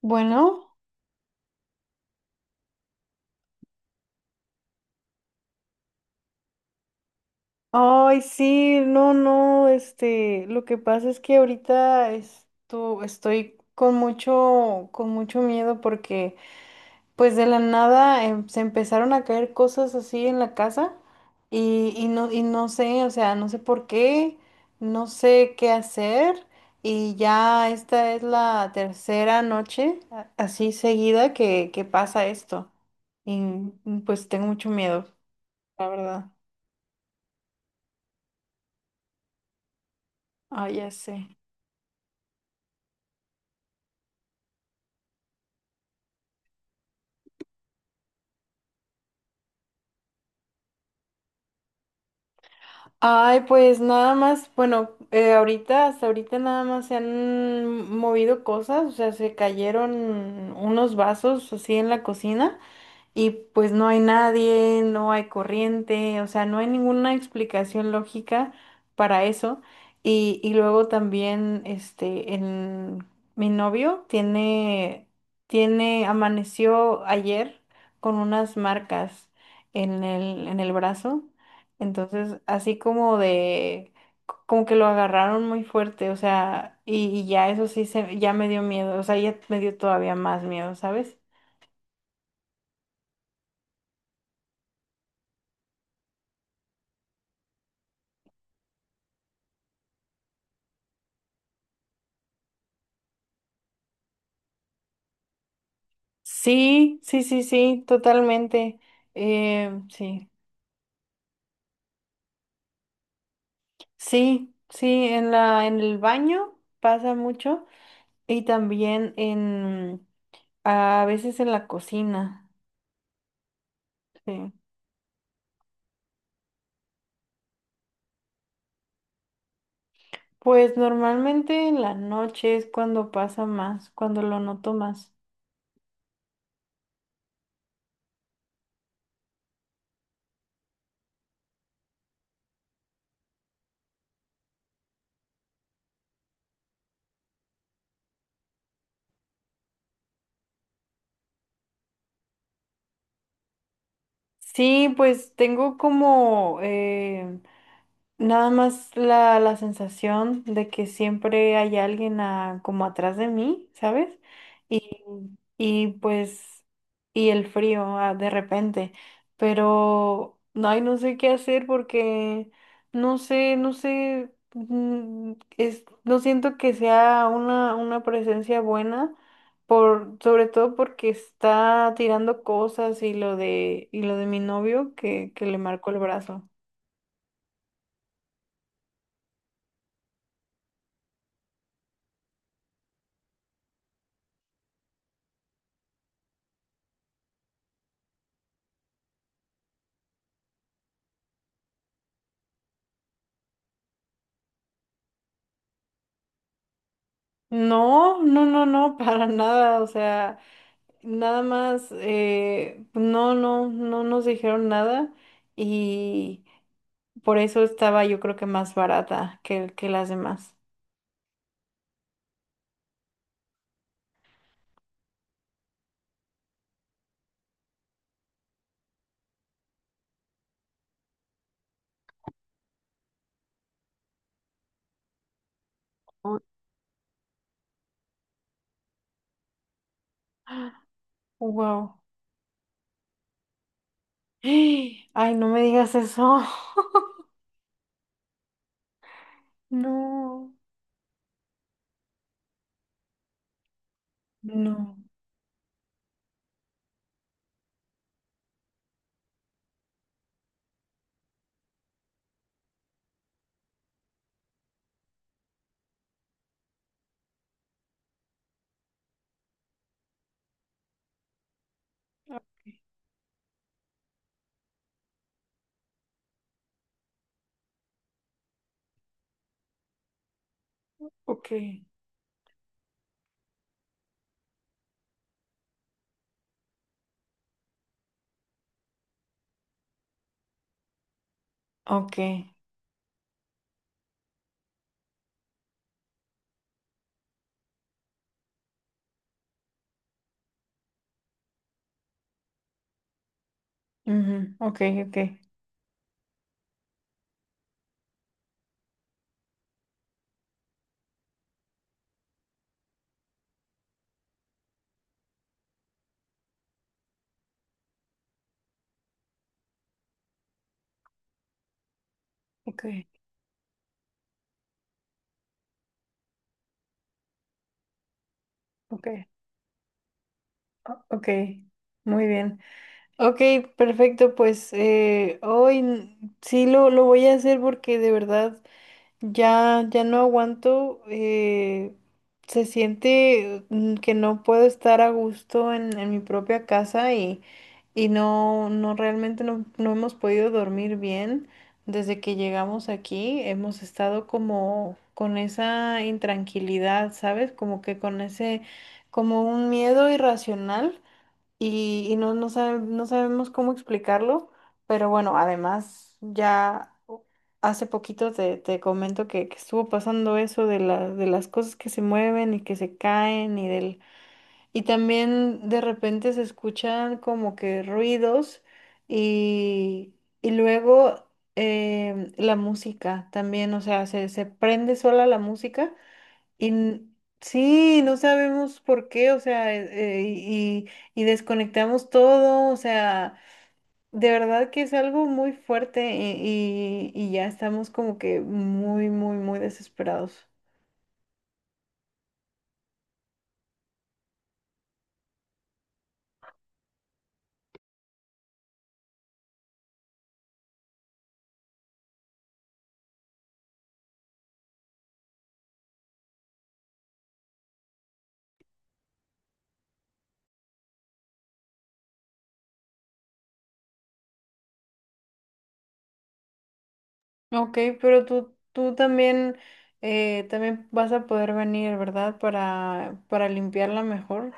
Bueno, ay, sí, no, no, lo que pasa es que ahorita estoy con mucho miedo, porque pues de la nada, se empezaron a caer cosas así en la casa. Y no sé, o sea, no sé por qué, no sé qué hacer. Y ya esta es la tercera noche así seguida, que pasa esto. Y pues tengo mucho miedo, la verdad. Ay, ya sé. Ay, pues nada más, bueno, hasta ahorita nada más se han movido cosas, o sea, se cayeron unos vasos así en la cocina. Y pues no hay nadie, no hay corriente, o sea, no hay ninguna explicación lógica para eso. Y luego también, mi novio amaneció ayer con unas marcas en el brazo, entonces así como que lo agarraron muy fuerte, o sea. Y ya me dio miedo, o sea, ya me dio todavía más miedo, ¿sabes? Sí, sí, sí, sí, totalmente. Sí, sí, sí, en el baño pasa mucho, y también a veces en la cocina. Sí. Pues normalmente en la noche es cuando pasa más, cuando lo noto más. Sí, pues tengo como, nada más la sensación de que siempre hay alguien, como atrás de mí, ¿sabes? Y, y pues, y el frío, de repente. Pero, no, ay, no sé qué hacer, porque no sé, no siento que sea una presencia buena, sobre todo porque está tirando cosas, y lo de mi novio que le marcó el brazo. No, no, no, no, para nada, o sea, nada más, pues no nos dijeron nada, y por eso estaba, yo creo, que más barata que las demás. Oh, wow. Ay, no me digas eso. No, no. Ok. Ok. Ok. Ujú, ok, ok. Ok, ok, ok. Muy bien. Ok, perfecto. Pues, hoy, sí lo voy a hacer, porque de verdad ya no aguanto. Se siente, que no puedo estar a gusto en mi propia casa. Y no realmente, no hemos podido dormir bien desde que llegamos aquí. Hemos estado como con esa intranquilidad, ¿sabes? Como que con como un miedo irracional. Y no sabemos cómo explicarlo. Pero bueno, además, ya hace poquito te comento que estuvo pasando eso de de las cosas que se mueven y que se caen. Y también de repente se escuchan como que ruidos, y, y luego, la música también. O sea, se prende sola la música. Y n- sí, no sabemos por qué, o sea. Y desconectamos todo, o sea, de verdad que es algo muy fuerte. Y ya estamos como que muy, muy, muy desesperados. Ok, pero tú también, vas a poder venir, ¿verdad? Para limpiarla mejor.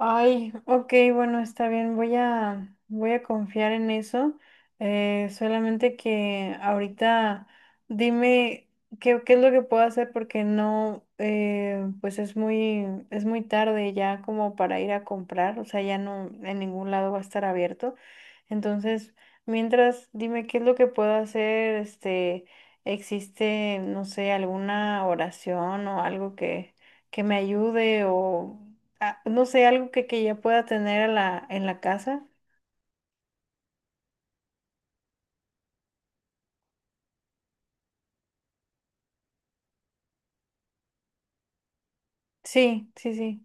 Ay, ok, bueno, está bien, voy a confiar en eso. Solamente que ahorita, dime qué es lo que puedo hacer, porque no, pues es muy tarde ya como para ir a comprar, o sea, ya no en ningún lado va a estar abierto. Entonces, mientras, dime qué es lo que puedo hacer. Existe, no sé, alguna oración o algo que me ayude, o, no sé, algo que ya pueda tener en la casa. Sí, sí, sí.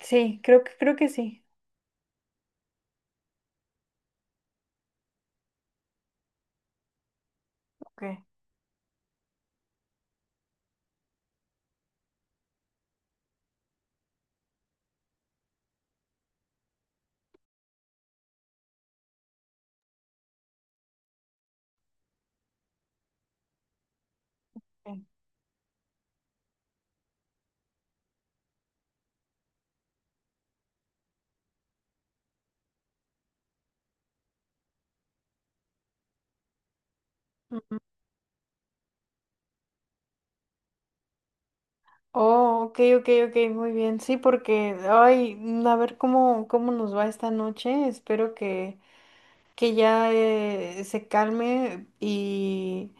Sí, creo que sí. Ok. Ok. Ujú. Oh, ok, ok, ok, muy bien. Sí, porque, ay, a ver cómo nos va esta noche. Espero que ya, se calme, y,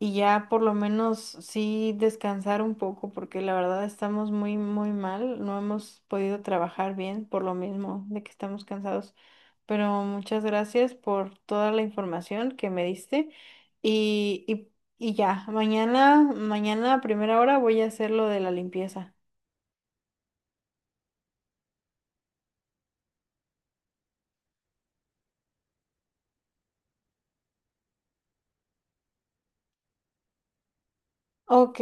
y ya por lo menos sí descansar un poco, porque la verdad estamos muy, muy mal, no hemos podido trabajar bien por lo mismo de que estamos cansados. Pero muchas gracias por toda la información que me diste. Y, y, y ya, mañana a primera hora voy a hacer lo de la limpieza. Ok,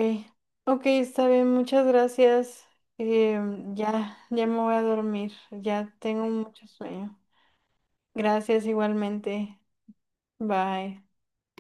ok, está bien, muchas gracias. Ya me voy a dormir, ya tengo mucho sueño. Gracias igualmente. Bye.